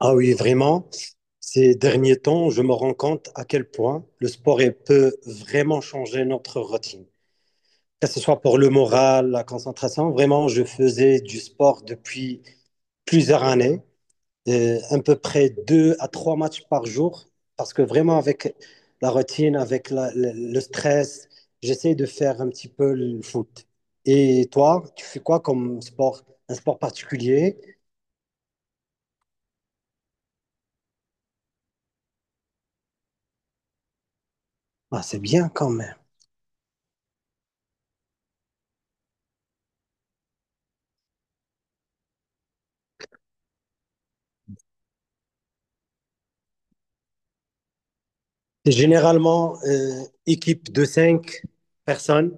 Ah oui, vraiment, ces derniers temps, je me rends compte à quel point le sport il peut vraiment changer notre routine. Que ce soit pour le moral, la concentration, vraiment, je faisais du sport depuis plusieurs années, à peu près 2 à 3 matchs par jour, parce que vraiment avec la routine, avec le stress, j'essaie de faire un petit peu le foot. Et toi, tu fais quoi comme sport? Un sport particulier? Ah, c'est bien quand même. C'est généralement équipe de cinq personnes,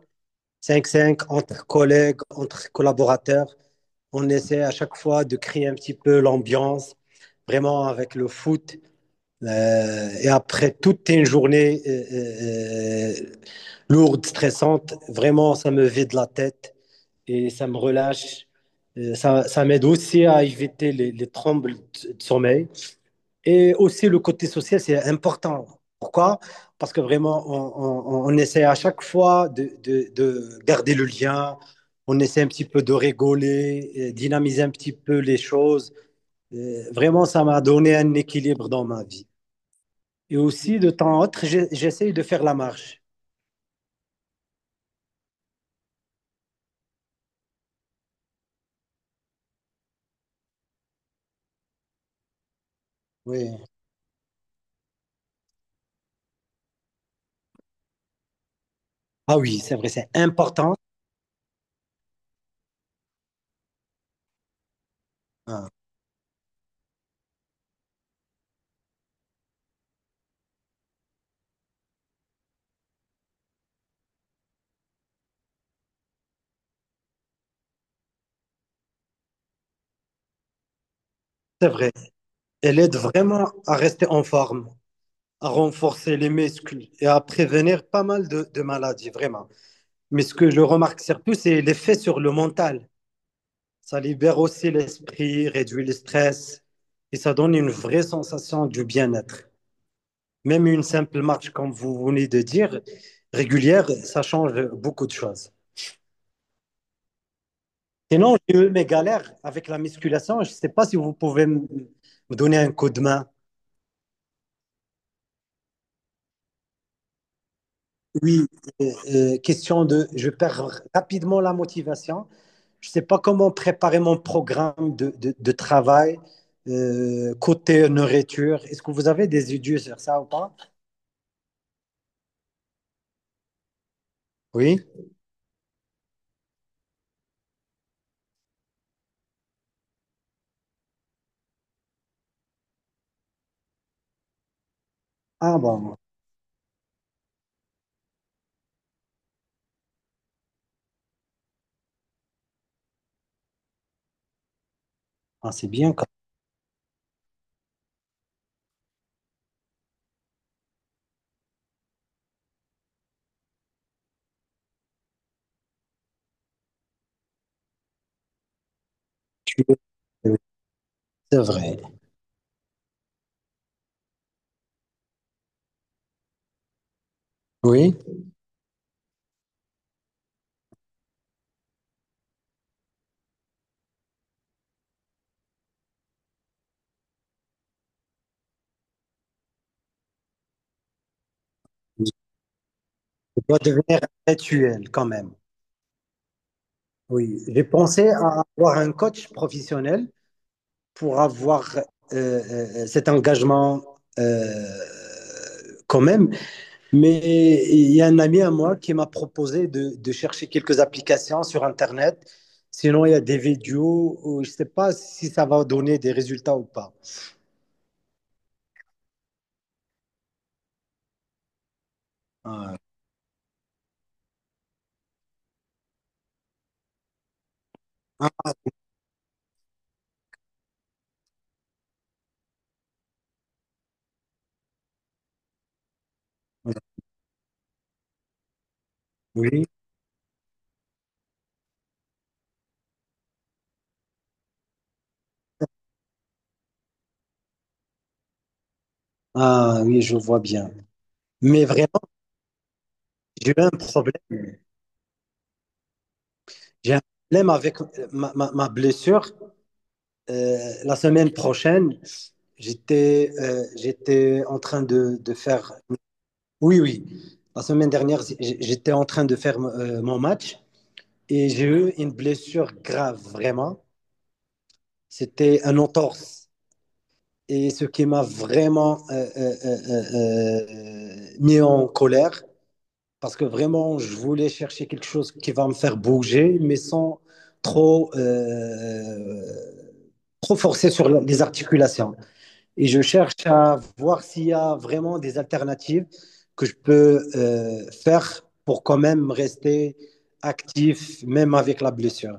cinq entre collègues, entre collaborateurs. On essaie à chaque fois de créer un petit peu l'ambiance, vraiment avec le foot. Et après toute une journée lourde, stressante, vraiment, ça me vide la tête et ça me relâche. Ça, ça m'aide aussi à éviter les trembles de sommeil. Et aussi, le côté social, c'est important. Pourquoi? Parce que vraiment, on essaie à chaque fois de garder le lien. On essaie un petit peu de rigoler, dynamiser un petit peu les choses. Vraiment, ça m'a donné un équilibre dans ma vie. Et aussi, de temps en autre, j'essaie de faire la marche. Oui. Ah oui, c'est vrai, c'est important. Ah, c'est vrai. Elle aide vraiment à rester en forme, à renforcer les muscles et à prévenir pas mal de maladies, vraiment. Mais ce que je remarque surtout, c'est l'effet sur le mental. Ça libère aussi l'esprit, réduit le stress et ça donne une vraie sensation du bien-être. Même une simple marche, comme vous venez de dire, régulière, ça change beaucoup de choses. Sinon, j'ai eu mes galères avec la musculation. Je ne sais pas si vous pouvez me donner un coup de main. Oui, question de, je perds rapidement la motivation. Je ne sais pas comment préparer mon programme de travail côté nourriture. Est-ce que vous avez des idées sur ça ou pas? Oui. Ah bon. Ah, c'est bien quand tu es. C'est vrai. Oui. Je dois devenir intellectuel quand même. Oui. J'ai pensé à avoir un coach professionnel pour avoir cet engagement, euh, quand même. Mais il y a un ami à moi qui m'a proposé de chercher quelques applications sur Internet. Sinon, il y a des vidéos où je ne sais pas si ça va donner des résultats ou pas. Ah, ah, oui. Ah oui, je vois bien. Mais vraiment, j'ai eu un problème. J'ai un problème avec ma blessure. La semaine prochaine, j'étais en train de faire... Oui, oui. La semaine dernière, j'étais en train de faire mon match. Et j'ai eu une blessure grave, vraiment. C'était un entorse. Et ce qui m'a vraiment mis en colère, parce que vraiment, je voulais chercher quelque chose qui va me faire bouger, mais sans trop, euh, trop forcer sur les articulations. Et je cherche à voir s'il y a vraiment des alternatives que je peux faire pour quand même rester actif, même avec la blessure.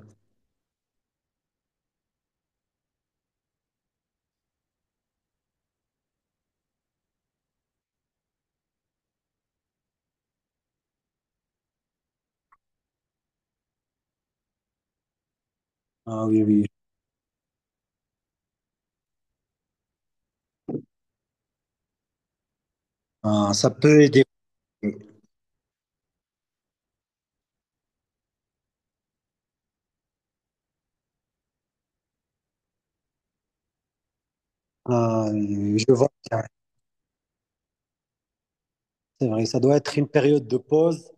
Ah oui, oui, oui. Ça peut aider. Euh, je vois que c'est vrai, ça doit être une période de pause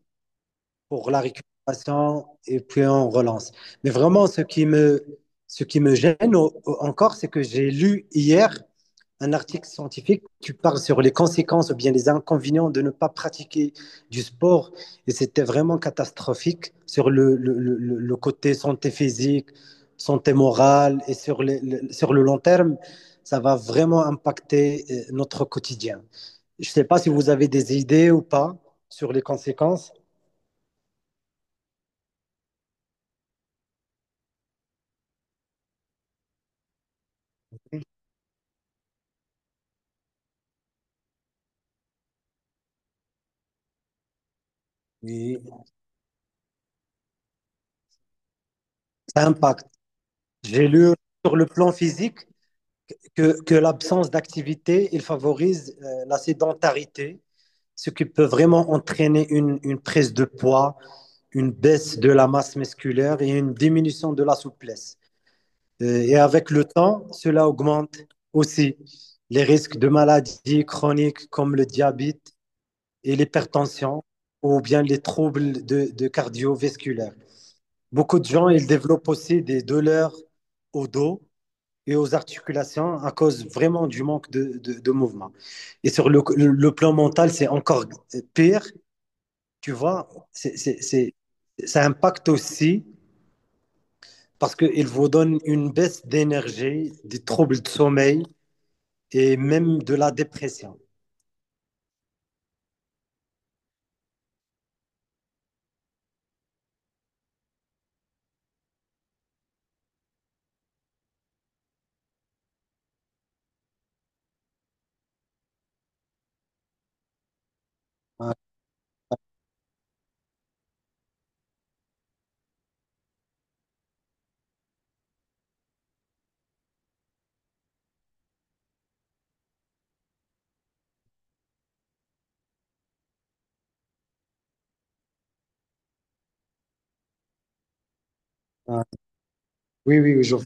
pour la récupération et puis on relance. Mais vraiment, ce qui me gêne encore, c'est que j'ai lu hier un article scientifique qui parle sur les conséquences ou bien les inconvénients de ne pas pratiquer du sport. Et c'était vraiment catastrophique sur le côté santé physique, santé morale et sur le long terme, ça va vraiment impacter notre quotidien. Je ne sais pas si vous avez des idées ou pas sur les conséquences, mais ça impacte. J'ai lu sur le plan physique que l'absence d'activité, il favorise la sédentarité, ce qui peut vraiment entraîner une prise de poids, une baisse de la masse musculaire et une diminution de la souplesse. Et avec le temps, cela augmente aussi les risques de maladies chroniques comme le diabète et l'hypertension ou bien les troubles de cardiovasculaires. Beaucoup de gens, ils développent aussi des douleurs au dos et aux articulations à cause vraiment du manque de mouvement. Et sur le plan mental, c'est encore pire, tu vois, ça impacte aussi parce qu'il vous donne une baisse d'énergie, des troubles de sommeil et même de la dépression. Ouais. Ah, oui, oui, oui, je vois,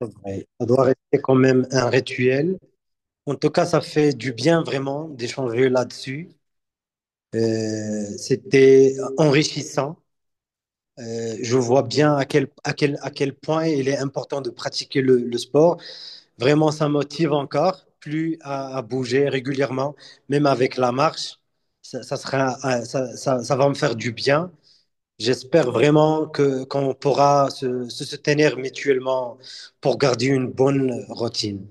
c'est vrai. Ça doit rester quand même un rituel. En tout cas, ça fait du bien vraiment d'échanger là-dessus. C'était enrichissant. Je vois bien à quel point il est important de pratiquer le sport. Vraiment, ça motive encore plus à bouger régulièrement, même avec la marche. Ça sera, ça va me faire du bien. J'espère vraiment que qu'on pourra se soutenir mutuellement pour garder une bonne routine.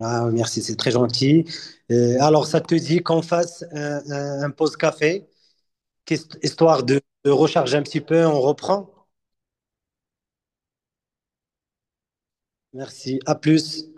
Ah, merci, c'est très gentil. Alors, ça te dit qu'on fasse un pause café, histoire de recharger un petit peu, on reprend. Merci, à plus.